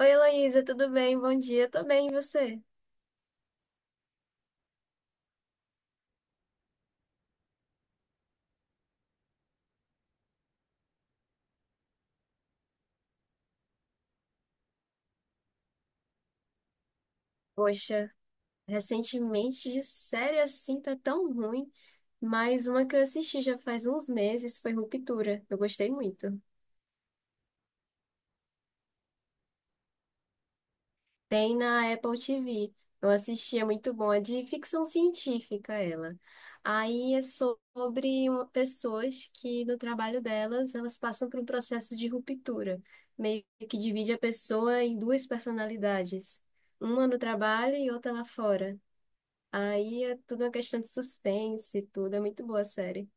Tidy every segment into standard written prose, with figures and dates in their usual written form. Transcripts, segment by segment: Oi, Heloísa, tudo bem? Bom dia, tô bem, e você? Poxa, recentemente de série assim tá tão ruim, mas uma que eu assisti já faz uns meses foi Ruptura. Eu gostei muito. Tem na Apple TV. Eu assisti, é muito bom, é de ficção científica ela. Aí é sobre pessoas que no trabalho delas, elas passam por um processo de ruptura, meio que divide a pessoa em duas personalidades. Uma no trabalho e outra lá fora. Aí é tudo uma questão de suspense e tudo. É muito boa a série.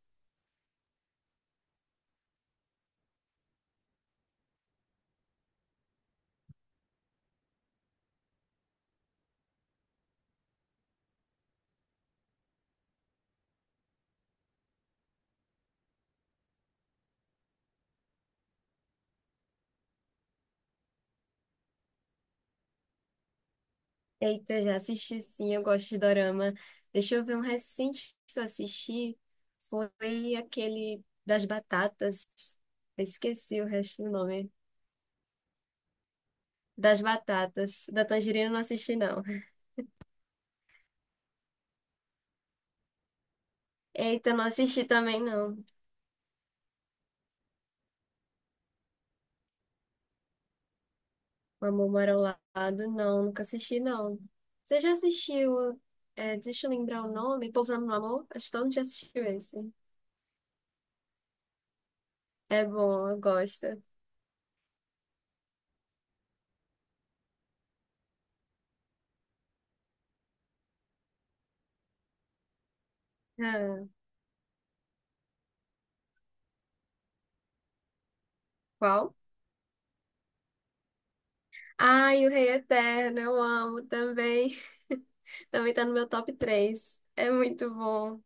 Eita, já assisti sim, eu gosto de dorama. Deixa eu ver um recente que eu assisti. Foi aquele das batatas. Eu esqueci o resto do nome. Das batatas. Da tangerina eu não assisti, não. Eita, eu não assisti também, não. O Amor Mora ao Lado, não. Nunca assisti, não. Você já assistiu? É, deixa eu lembrar o nome. Pousando no Amor? Acho que todo mundo já assistiu esse. É bom, eu gosto. Ah, qual? Ai, o Rei Eterno, eu amo também. Também tá no meu top 3. É muito bom.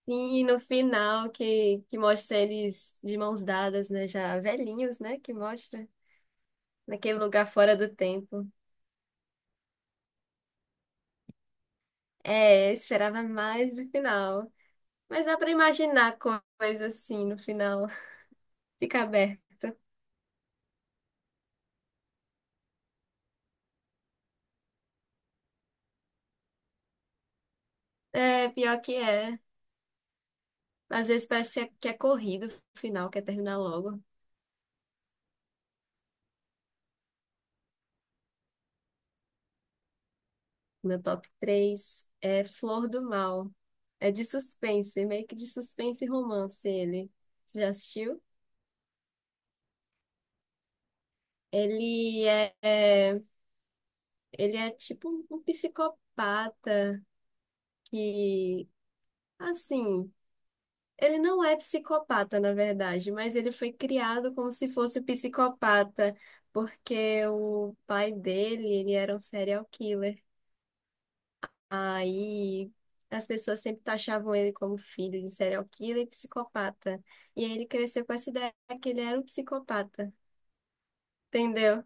Sim, e no final que mostra eles de mãos dadas, né? Já velhinhos, né? Que mostra naquele lugar fora do tempo. É, eu esperava mais do final. Mas dá pra imaginar coisa assim no final. Fica aberto. É, pior que é. Às vezes parece que é corrido o final, quer terminar logo. Meu top 3 é Flor do Mal. É de suspense, é meio que de suspense e romance ele. Você já assistiu? Ele é, é- ele é tipo um psicopata que, assim, ele não é psicopata, na verdade, mas ele foi criado como se fosse psicopata, porque o pai dele, ele era um serial killer. Aí as pessoas sempre taxavam ele como filho de serial killer e psicopata. E aí ele cresceu com essa ideia que ele era um psicopata, entendeu?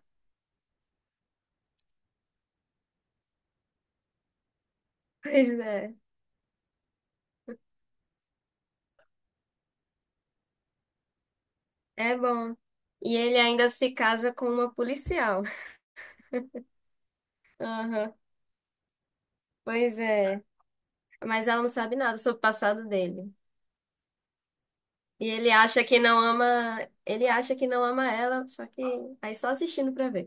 Pois é, é bom. E ele ainda se casa com uma policial. Aham, pois é. Mas ela não sabe nada sobre o passado dele. E ele acha que não ama, ele acha que não ama ela, só que aí só assistindo pra ver.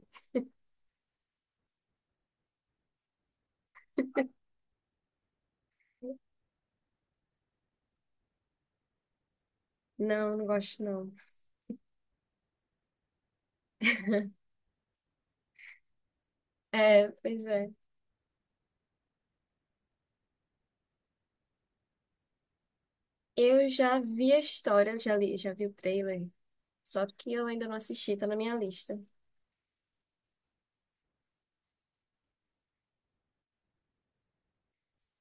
Não, não gosto não. É, pois é. Eu já vi a história, já li, já vi o trailer, só que eu ainda não assisti, tá na minha lista.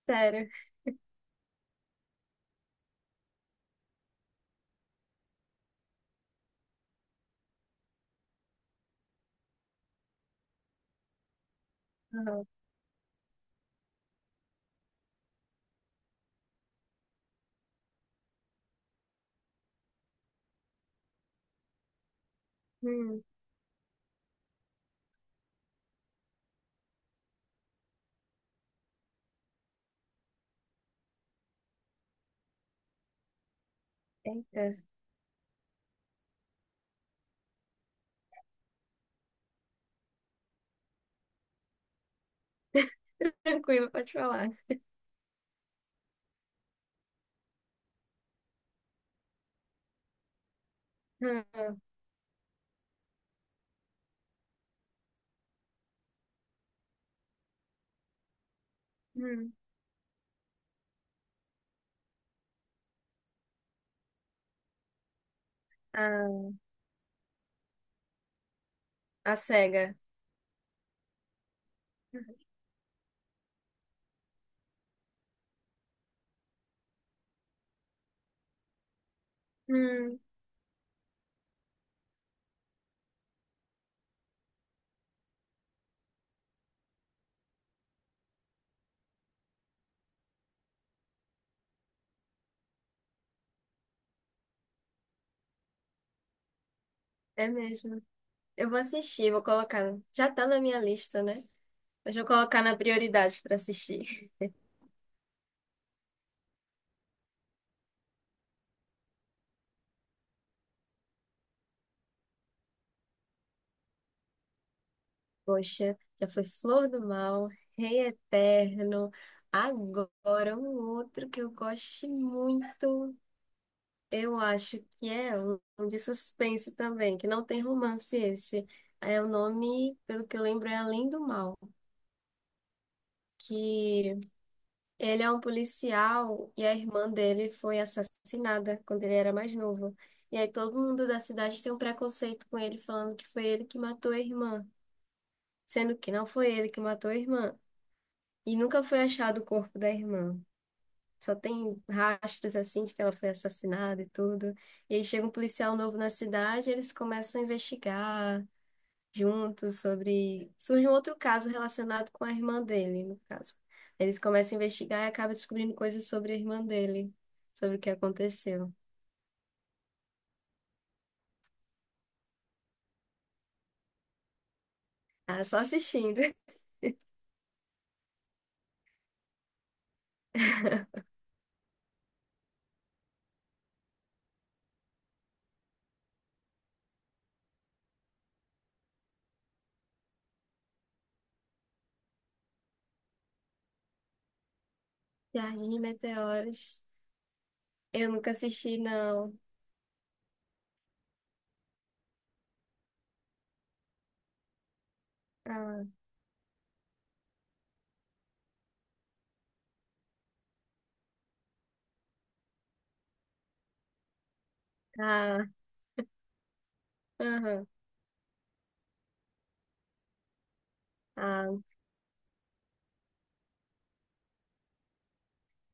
Sério. Aham. Hum, eita. Tranquilo, pode falar. Hum, hum. Ah, a cega. Hum. É mesmo. Eu vou assistir, vou colocar. Já tá na minha lista, né? Mas vou colocar na prioridade para assistir. Poxa, já foi Flor do Mal, Rei Eterno. Agora um outro que eu gosto muito. Eu acho que é um de suspense também, que não tem romance esse. É o nome, pelo que eu lembro, é Além do Mal, que ele é um policial e a irmã dele foi assassinada quando ele era mais novo. E aí todo mundo da cidade tem um preconceito com ele, falando que foi ele que matou a irmã, sendo que não foi ele que matou a irmã. E nunca foi achado o corpo da irmã. Só tem rastros assim de que ela foi assassinada e tudo. E aí chega um policial novo na cidade, eles começam a investigar juntos sobre. Surge um outro caso relacionado com a irmã dele, no caso. Eles começam a investigar e acabam descobrindo coisas sobre a irmã dele, sobre o que aconteceu. Ah, só assistindo. Jardim de Meteoros. Eu nunca assisti, não. Ah, ah, aham, ah.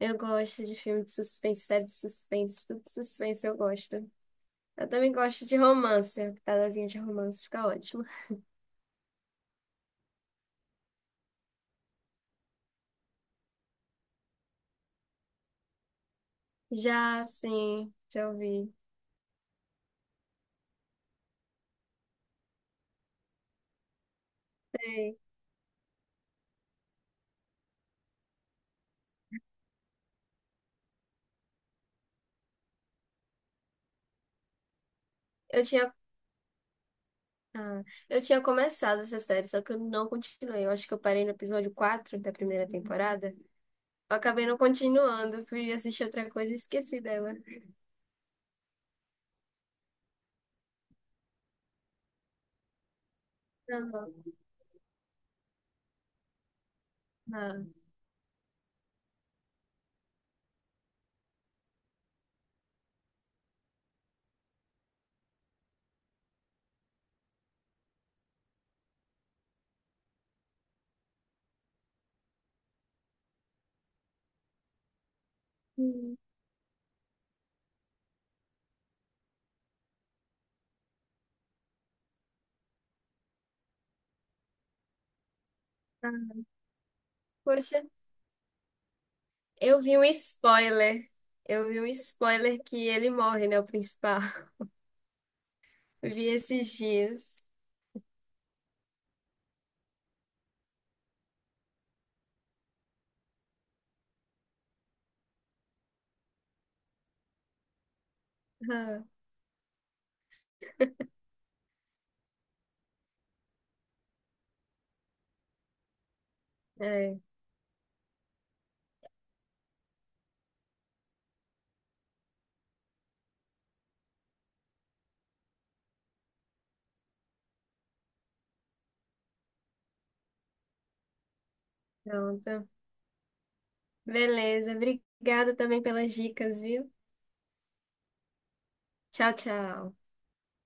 Eu gosto de filme de suspense, série de suspense, tudo de suspense eu gosto. Eu também gosto de romance, pedazinho de romance fica ótimo. Já, sim, já ouvi. Sei. Eu tinha Ah, eu tinha começado essa série, só que eu não continuei. Eu acho que eu parei no episódio 4 da primeira temporada. Eu acabei não continuando, fui assistir outra coisa e esqueci dela. Não, não, não. Hum, ah, poxa, eu vi um spoiler. Eu vi um spoiler que ele morre, né? O principal. Vi esses dias. Ah, é, pronto. Beleza, obrigada também pelas dicas, viu? Tchau, tchau.